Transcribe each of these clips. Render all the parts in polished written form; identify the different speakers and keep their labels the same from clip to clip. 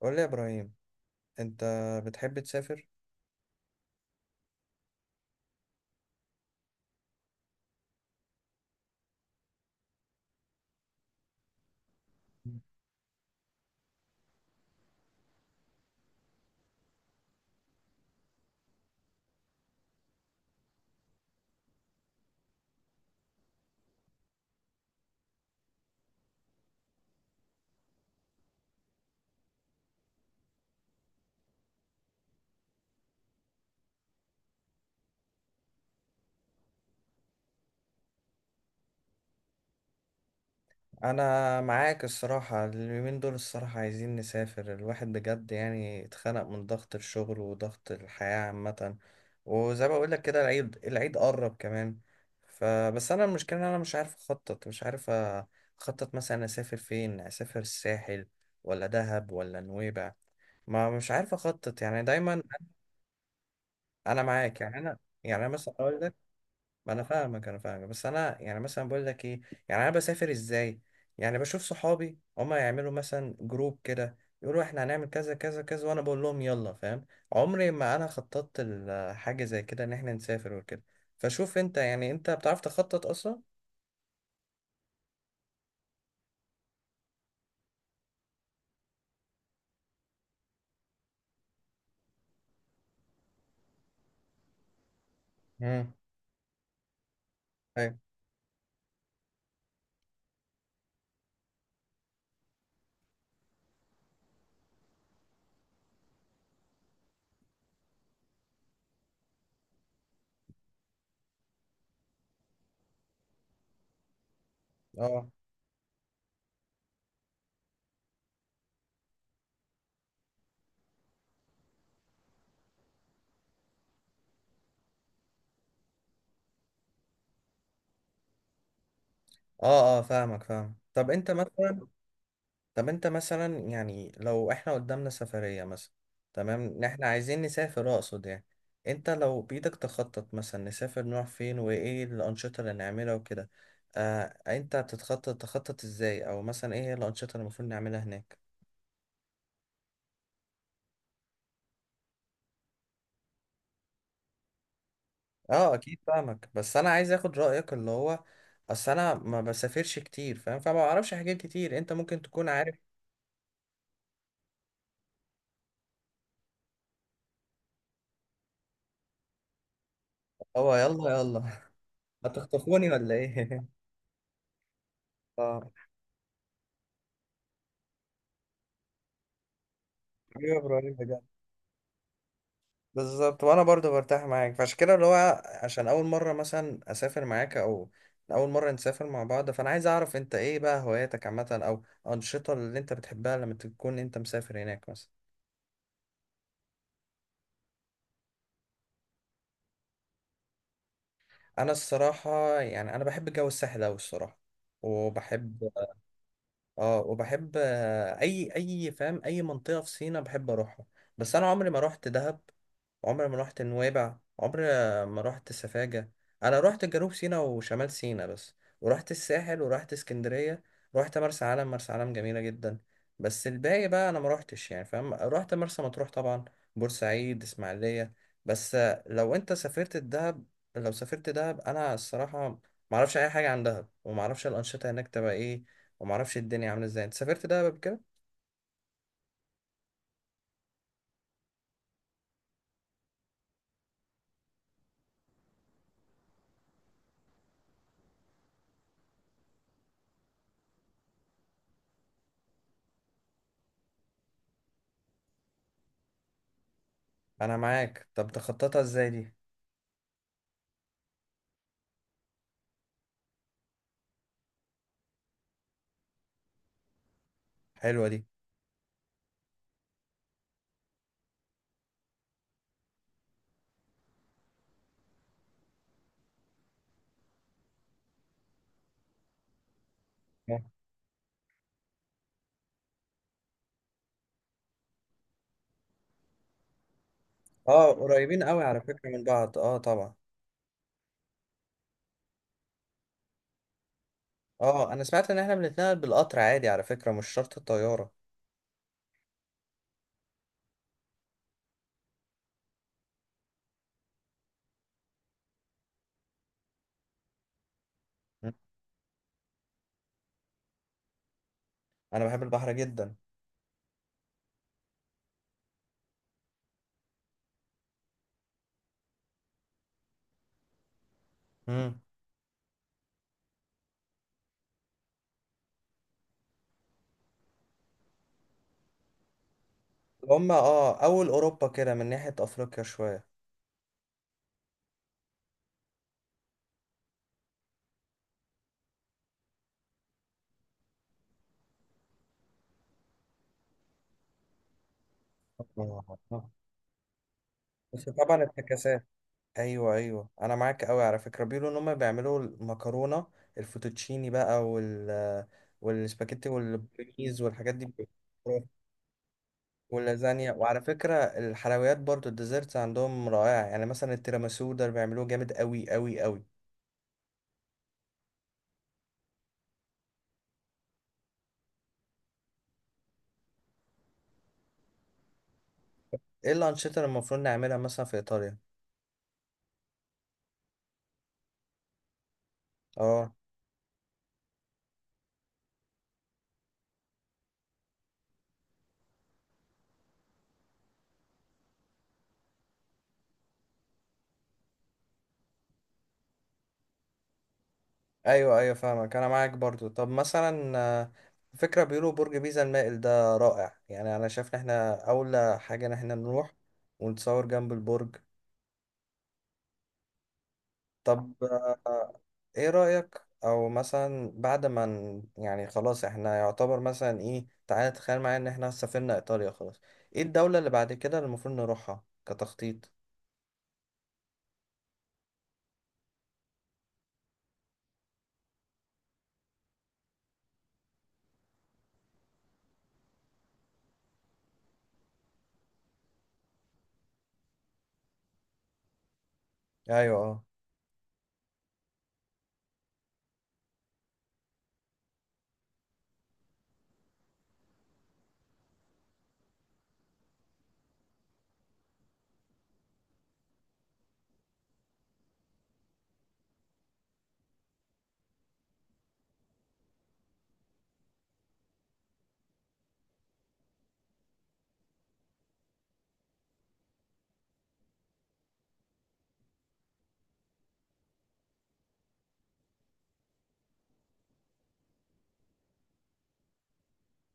Speaker 1: قول لي يا ابراهيم، انت بتحب تسافر؟ انا معاك. الصراحه اليومين دول، الصراحه عايزين نسافر. الواحد بجد يعني اتخنق من ضغط الشغل وضغط الحياه عامه. وزي ما بقول لك كده، العيد العيد قرب كمان. فبس انا المشكله ان انا مش عارف اخطط، مثلا اسافر فين، اسافر الساحل ولا دهب ولا نويبع؟ ما مش عارف اخطط يعني دايما. انا معاك. يعني انا مثلا اقول لك. ما انا فاهمك، انا فاهمك، بس انا يعني مثلا بقول لك ايه؟ يعني انا بسافر ازاي؟ يعني بشوف صحابي هما يعملوا مثلا جروب كده، يقولوا احنا هنعمل كذا كذا كذا وانا بقول لهم يلا، فاهم. عمري ما انا خططت حاجه زي كده ان احنا نسافر وكده. فشوف انت بتعرف تخطط اصلا؟ مم. أيوة. اه اه اه، فاهمك فاهم. طب انت مثلا يعني لو احنا قدامنا سفرية مثلا، تمام، ان احنا عايزين نسافر، اقصد يعني انت لو بإيدك تخطط مثلا نسافر نروح فين، وايه الأنشطة اللي نعملها وكده. آه، انت تخطط ازاي، او مثلا ايه هي الأنشطة اللي المفروض نعملها هناك؟ اه، اكيد فاهمك، بس انا عايز اخد رأيك اللي هو اصل انا ما بسافرش كتير، فاهم، فما بعرفش حاجات كتير انت ممكن تكون عارف. اه، يلا يلا. هتخطفوني ولا ايه؟ اه. حبيبي يا ابراهيم بجد. بالظبط، وانا برضو برتاح معاك، فعشان كده اللي هو عشان اول مره مثلا اسافر معاك، او اول مره نسافر مع بعض، فانا عايز اعرف انت ايه بقى هواياتك عامه، او انشطه اللي انت بتحبها لما تكون انت مسافر هناك مثلا. انا الصراحه، يعني انا بحب جو الساحل اوي الصراحه. وبحب اه وبحب آه، اي اي، فاهم، اي منطقه في سينا بحب اروحها. بس انا عمري ما روحت دهب، عمري ما رحت نويبع، عمري ما رحت سفاجة. انا رحت جنوب سيناء وشمال سيناء بس، ورحت الساحل، ورحت اسكندرية. رحت مرسى علم، مرسى علم جميلة جدا. بس الباقي بقى انا ما رحتش يعني، فاهم. رحت مرسى مطروح طبعا، بورسعيد، اسماعيلية بس. لو انت سافرت الدهب لو سافرت دهب، انا الصراحة ما اعرفش اي حاجة عن دهب، وما اعرفش الانشطة هناك تبقى ايه، وما اعرفش الدنيا عاملة ازاي. انت سافرت دهب قبل كده؟ انا معاك، طب تخططها ازاي دي؟ حلوة دي. اه، قريبين قوي على فكرة من بعض، اه طبعا. اه، انا سمعت ان احنا بنتنقل بالقطر عادي على فكرة، مش شرط الطيارة. مم. انا بحب البحر جدا. امم. هما اول اوروبا كده من ناحية افريقيا شوية. آه. آه. بس طبعا افتكاسات. ايوه ايوه، انا معاك قوي على فكرة. بيقولوا ان هما بيعملوا المكرونة الفوتوتشيني بقى، والسباجيتي والبريز والحاجات دي واللازانيا. وعلى فكرة الحلويات برضو، الديزرتس عندهم رائعة، يعني مثلا التيراميسو ده بيعملوه جامد قوي قوي قوي. ايه الأنشطة اللي المفروض نعملها مثلا في إيطاليا؟ اه. ايوه ايوه فاهمك، انا معاك برضو. طب مثلا، فكرة بيقولوا برج بيزا المائل ده رائع، يعني انا شايف ان احنا اولى حاجة ان احنا نروح ونتصور جنب البرج. طب، ايه رأيك، او مثلا بعد ما يعني خلاص احنا يعتبر مثلا ايه، تعالى تخيل معايا ان احنا سافرنا ايطاليا خلاص، ايه الدولة اللي بعد كده اللي المفروض نروحها كتخطيط؟ ايوه، اه.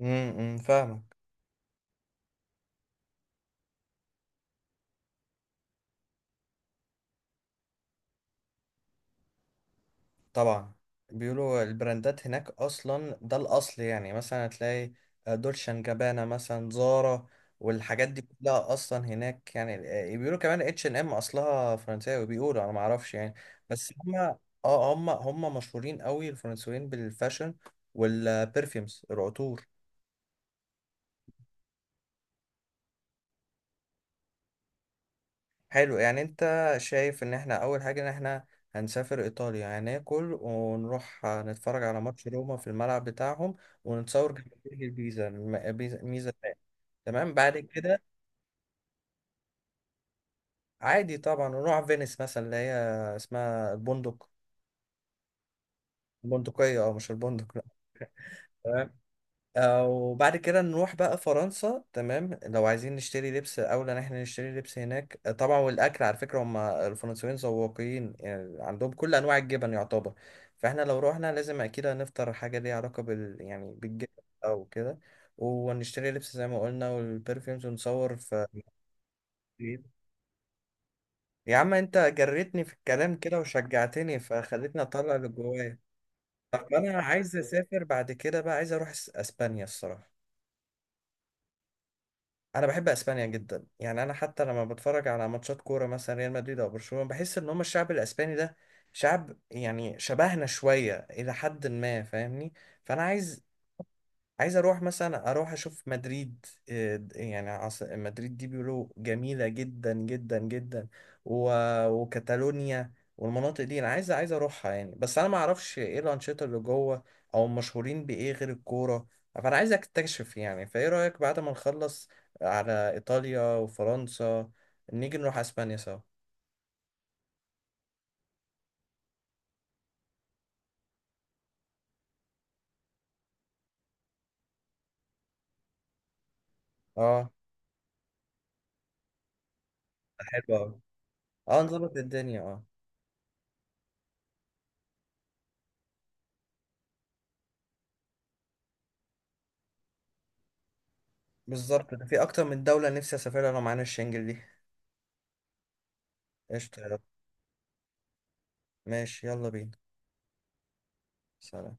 Speaker 1: امم، فاهمك. طبعا. بيقولوا البراندات هناك اصلا ده الاصل، يعني مثلا هتلاقي دولشان جابانا، مثلا زارا، والحاجات دي كلها اصلا هناك يعني. بيقولوا كمان H&M اصلها فرنساوي بيقولوا، انا ما اعرفش يعني. بس هم اه هم هم مشهورين قوي، الفرنسيين بالفاشن والبرفيومز العطور. حلو. يعني انت شايف ان احنا اول حاجة ان احنا هنسافر ايطاليا، هناكل ونروح نتفرج على ماتش روما في الملعب بتاعهم، ونتصور جنب برج البيزا ميزة ده. تمام بعد كده. عادي طبعا نروح فينيس مثلا، اللي هي اسمها البندق. البندقية، او مش البندق؟ لا. وبعد كده نروح بقى فرنسا. تمام، لو عايزين نشتري لبس، اولى ان احنا نشتري لبس هناك، طبعا. والاكل على فكره، هم الفرنسيين ذواقين يعني، عندهم كل انواع الجبن يعتبر. فاحنا لو روحنا لازم اكيد هنفطر حاجه ليها علاقه بالجبن، او كده. ونشتري لبس زي ما قلنا، والبرفيومز ونصور في. يا عم، انت جريتني في الكلام كده وشجعتني، فخلتني اطلع اللي جوايا. طب انا عايز اسافر بعد كده بقى، عايز اروح اسبانيا الصراحه. انا بحب اسبانيا جدا، يعني انا حتى لما بتفرج على ماتشات كوره، مثلا ريال مدريد او برشلونه، بحس ان هم الشعب الاسباني ده شعب، يعني شبهنا شويه الى حد ما، فاهمني. فانا عايز اروح، مثلا اروح اشوف مدريد، إيه، يعني مدريد دي بيقولوا جميلة جدا جدا جدا. و... وكاتالونيا والمناطق دي انا عايز اروحها يعني، بس انا ما اعرفش ايه الانشطة اللي جوه، او مشهورين بايه غير الكورة. فانا عايز اكتشف يعني. فايه رأيك بعد ما نخلص على ايطاليا وفرنسا، نيجي نروح اسبانيا سوا؟ اه، حلو أوي. اه، نظبط الدنيا، اه. بالظبط، ده في اكتر من دولة نفسي اسافرها لو معانا الشنجل دي. قشطة يلا. ماشي يلا بينا. سلام.